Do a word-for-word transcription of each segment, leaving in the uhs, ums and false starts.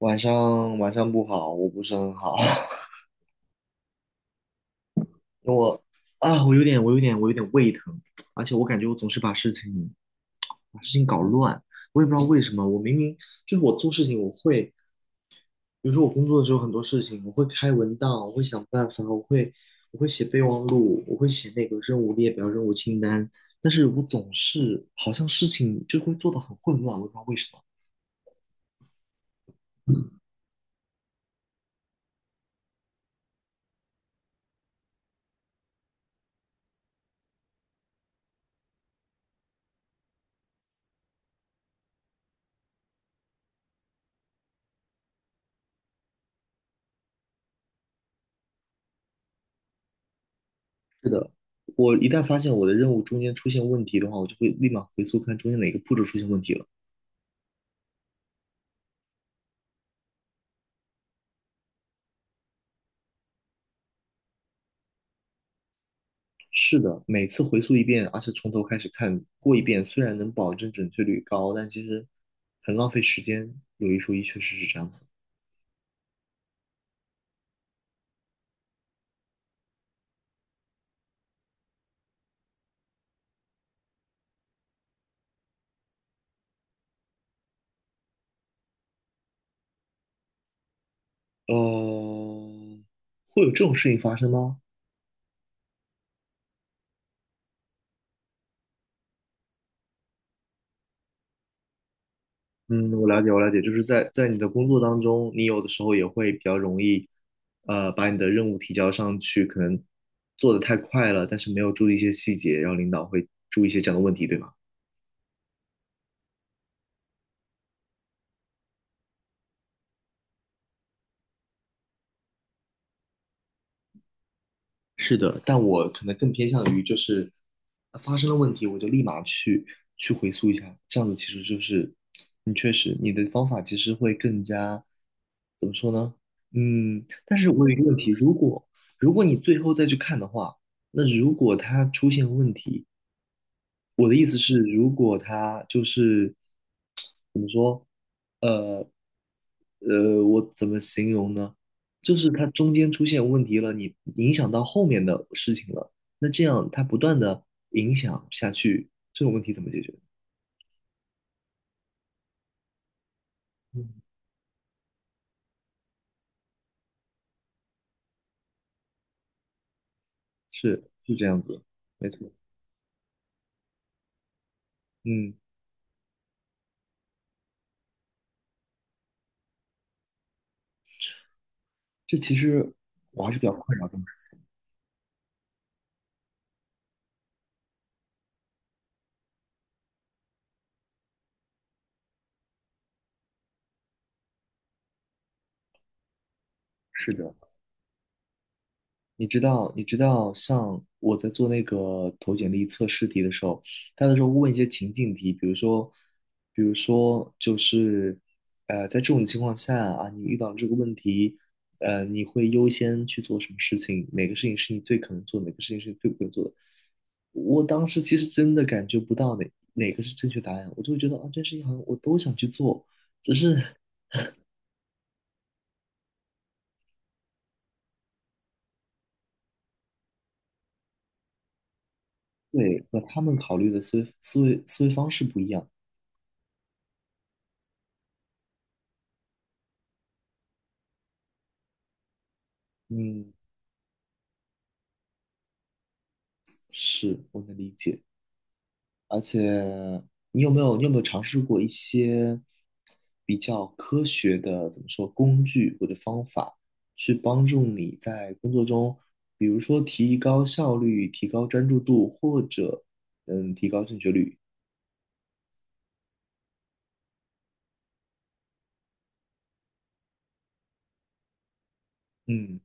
晚上晚上不好，我不是很好，因为我啊，我有点我有点我有点胃疼，而且我感觉我总是把事情把事情搞乱，我也不知道为什么。我明明就是我做事情，我会，比如说我工作的时候很多事情，我会开文档，我会想办法，我会我会写备忘录，我会写那个任务列表、任务清单，但是我总是好像事情就会做的很混乱，我也不知道为什么。我一旦发现我的任务中间出现问题的话，我就会立马回溯看中间哪个步骤出现问题了。是的，每次回溯一遍，而且从头开始看过一遍，虽然能保证准确率高，但其实很浪费时间。有一说一，确实是这样子。呃，会有这种事情发生吗？嗯，我了解，我了解，就是在在你的工作当中，你有的时候也会比较容易，呃，把你的任务提交上去，可能做的太快了，但是没有注意一些细节，然后领导会注意一些这样的问题，对吗？是的，但我可能更偏向于就是呃发生了问题，我就立马去去回溯一下，这样子其实就是你确实你的方法其实会更加怎么说呢？嗯，但是我有一个问题，如果如果你最后再去看的话，那如果它出现问题，我的意思是，如果他就是怎么说，呃呃，我怎么形容呢？就是他中间出现问题了，你影响到后面的事情了，那这样他不断的影响下去，这种问题怎么解决？嗯，是是这样子，没错，嗯，这其实我还是比较困扰这种事情。是的。你知道，你知道，像我在做那个投简历测试题的时候，他那时候会问一些情境题，比如说，比如说就是，呃，在这种情况下啊，你遇到这个问题，呃，你会优先去做什么事情？哪个事情是你最可能做的哪个事情是你最不会做的？我当时其实真的感觉不到哪哪个是正确答案，我就会觉得啊，这事情好像我都想去做，只是对和他们考虑的思维思维思维方式不一样。嗯，是，我能理解。而且，你有没有你有没有尝试过一些比较科学的，怎么说，工具或者方法，去帮助你在工作中，比如说提高效率、提高专注度，或者嗯，提高正确率？嗯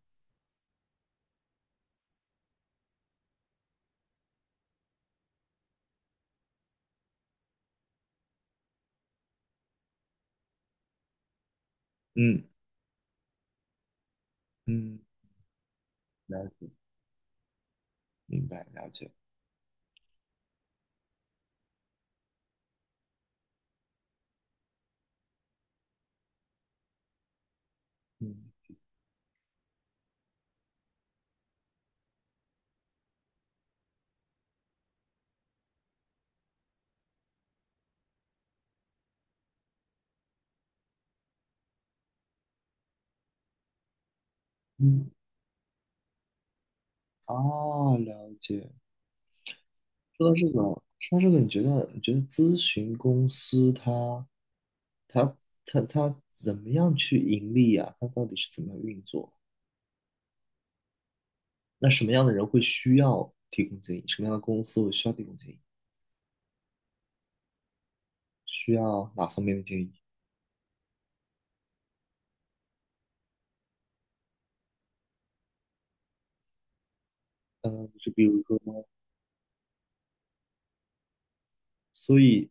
嗯嗯，了解，明白，了解。嗯嗯，哦，了解。说到这个，说到这个，你觉得你觉得咨询公司它？他他他怎么样去盈利啊？他到底是怎么样运作？那什么样的人会需要提供建议？什么样的公司会需要提供建议？需要哪方面的建议？嗯，就比如说，所以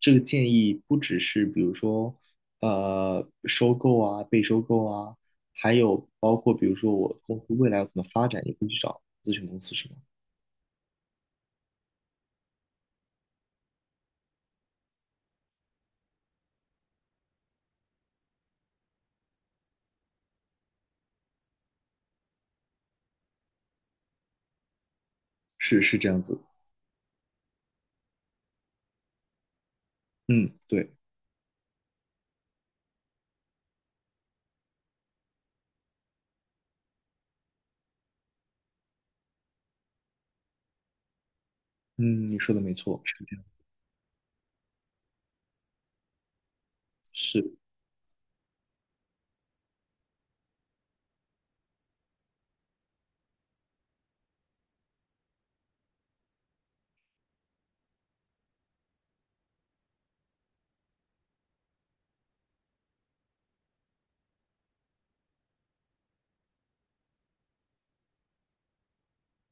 这个建议不只是比如说，呃，收购啊，被收购啊，还有包括比如说我公司未来要怎么发展，也会去找咨询公司，是吗？是是这样子，嗯，对，嗯，你说的没错，是这样，是，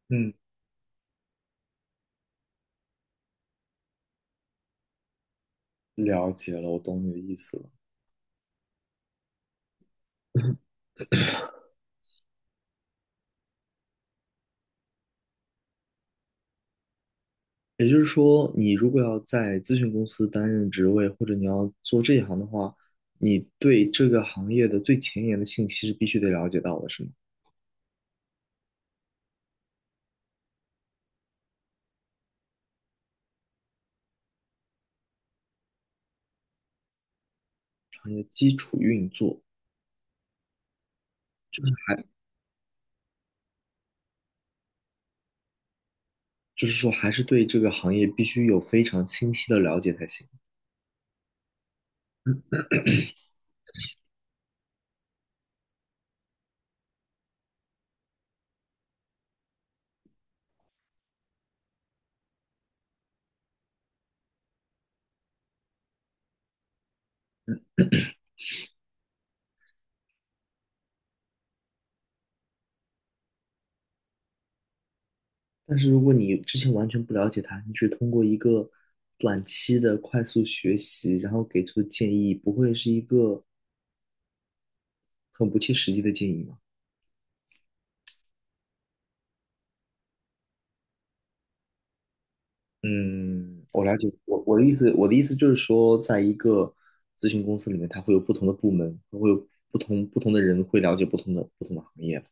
嗯，了解了，我懂你的意思了。也就是说，你如果要在咨询公司担任职位，或者你要做这一行的话，你对这个行业的最前沿的信息是必须得了解到的，是吗？行业基础运作，还就是说还是对这个行业必须有非常清晰的了解才行。但是如果你之前完全不了解它，你只通过一个短期的快速学习，然后给出的建议，不会是一个很不切实际的建议吗？嗯，我了解。我我的意思，我的意思就是说，在一个咨询公司里面，它会有不同的部门，它会有不同不同的人会了解不同的不同的行业。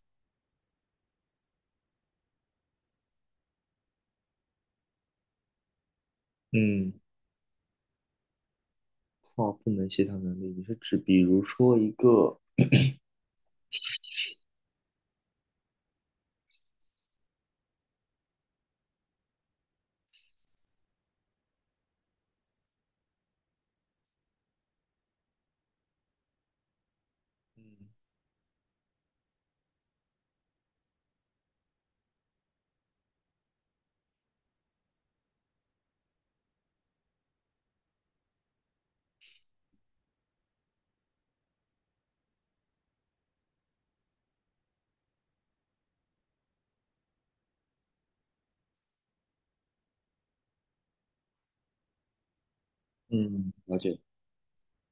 嗯，跨部门协调能力，你是指比如说一个，嗯嗯，了解。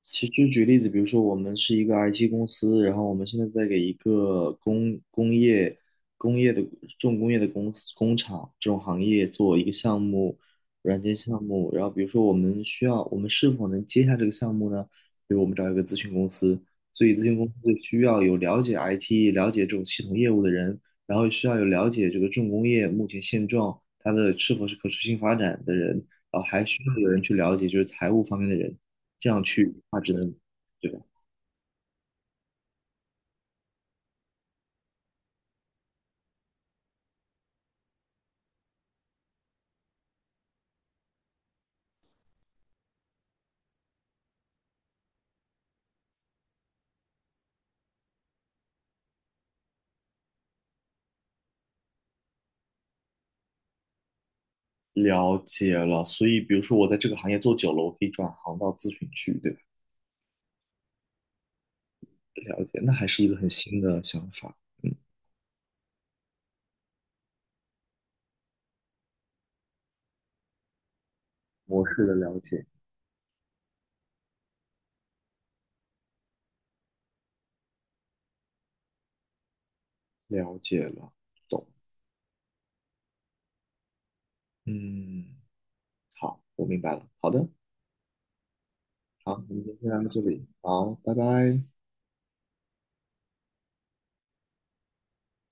其实就举例子，比如说我们是一个 I T 公司，然后我们现在在给一个工工业工业的重工业的公司工厂这种行业做一个项目，软件项目。然后比如说我们需要，我们是否能接下这个项目呢？比如我们找一个咨询公司，所以咨询公司需要有了解 I T、了解这种系统业务的人，然后需要有了解这个重工业目前现状，它的是否是可持续性发展的人，然后还需要有人去了解就是财务方面的人。这样去那只能对吧？了解了，所以比如说我在这个行业做久了，我可以转行到咨询去，对吧？了解，那还是一个很新的想法，嗯，模式的了解，了解了，懂，嗯，好，我明白了，好的，好，我们今天就聊到这里，好，拜拜。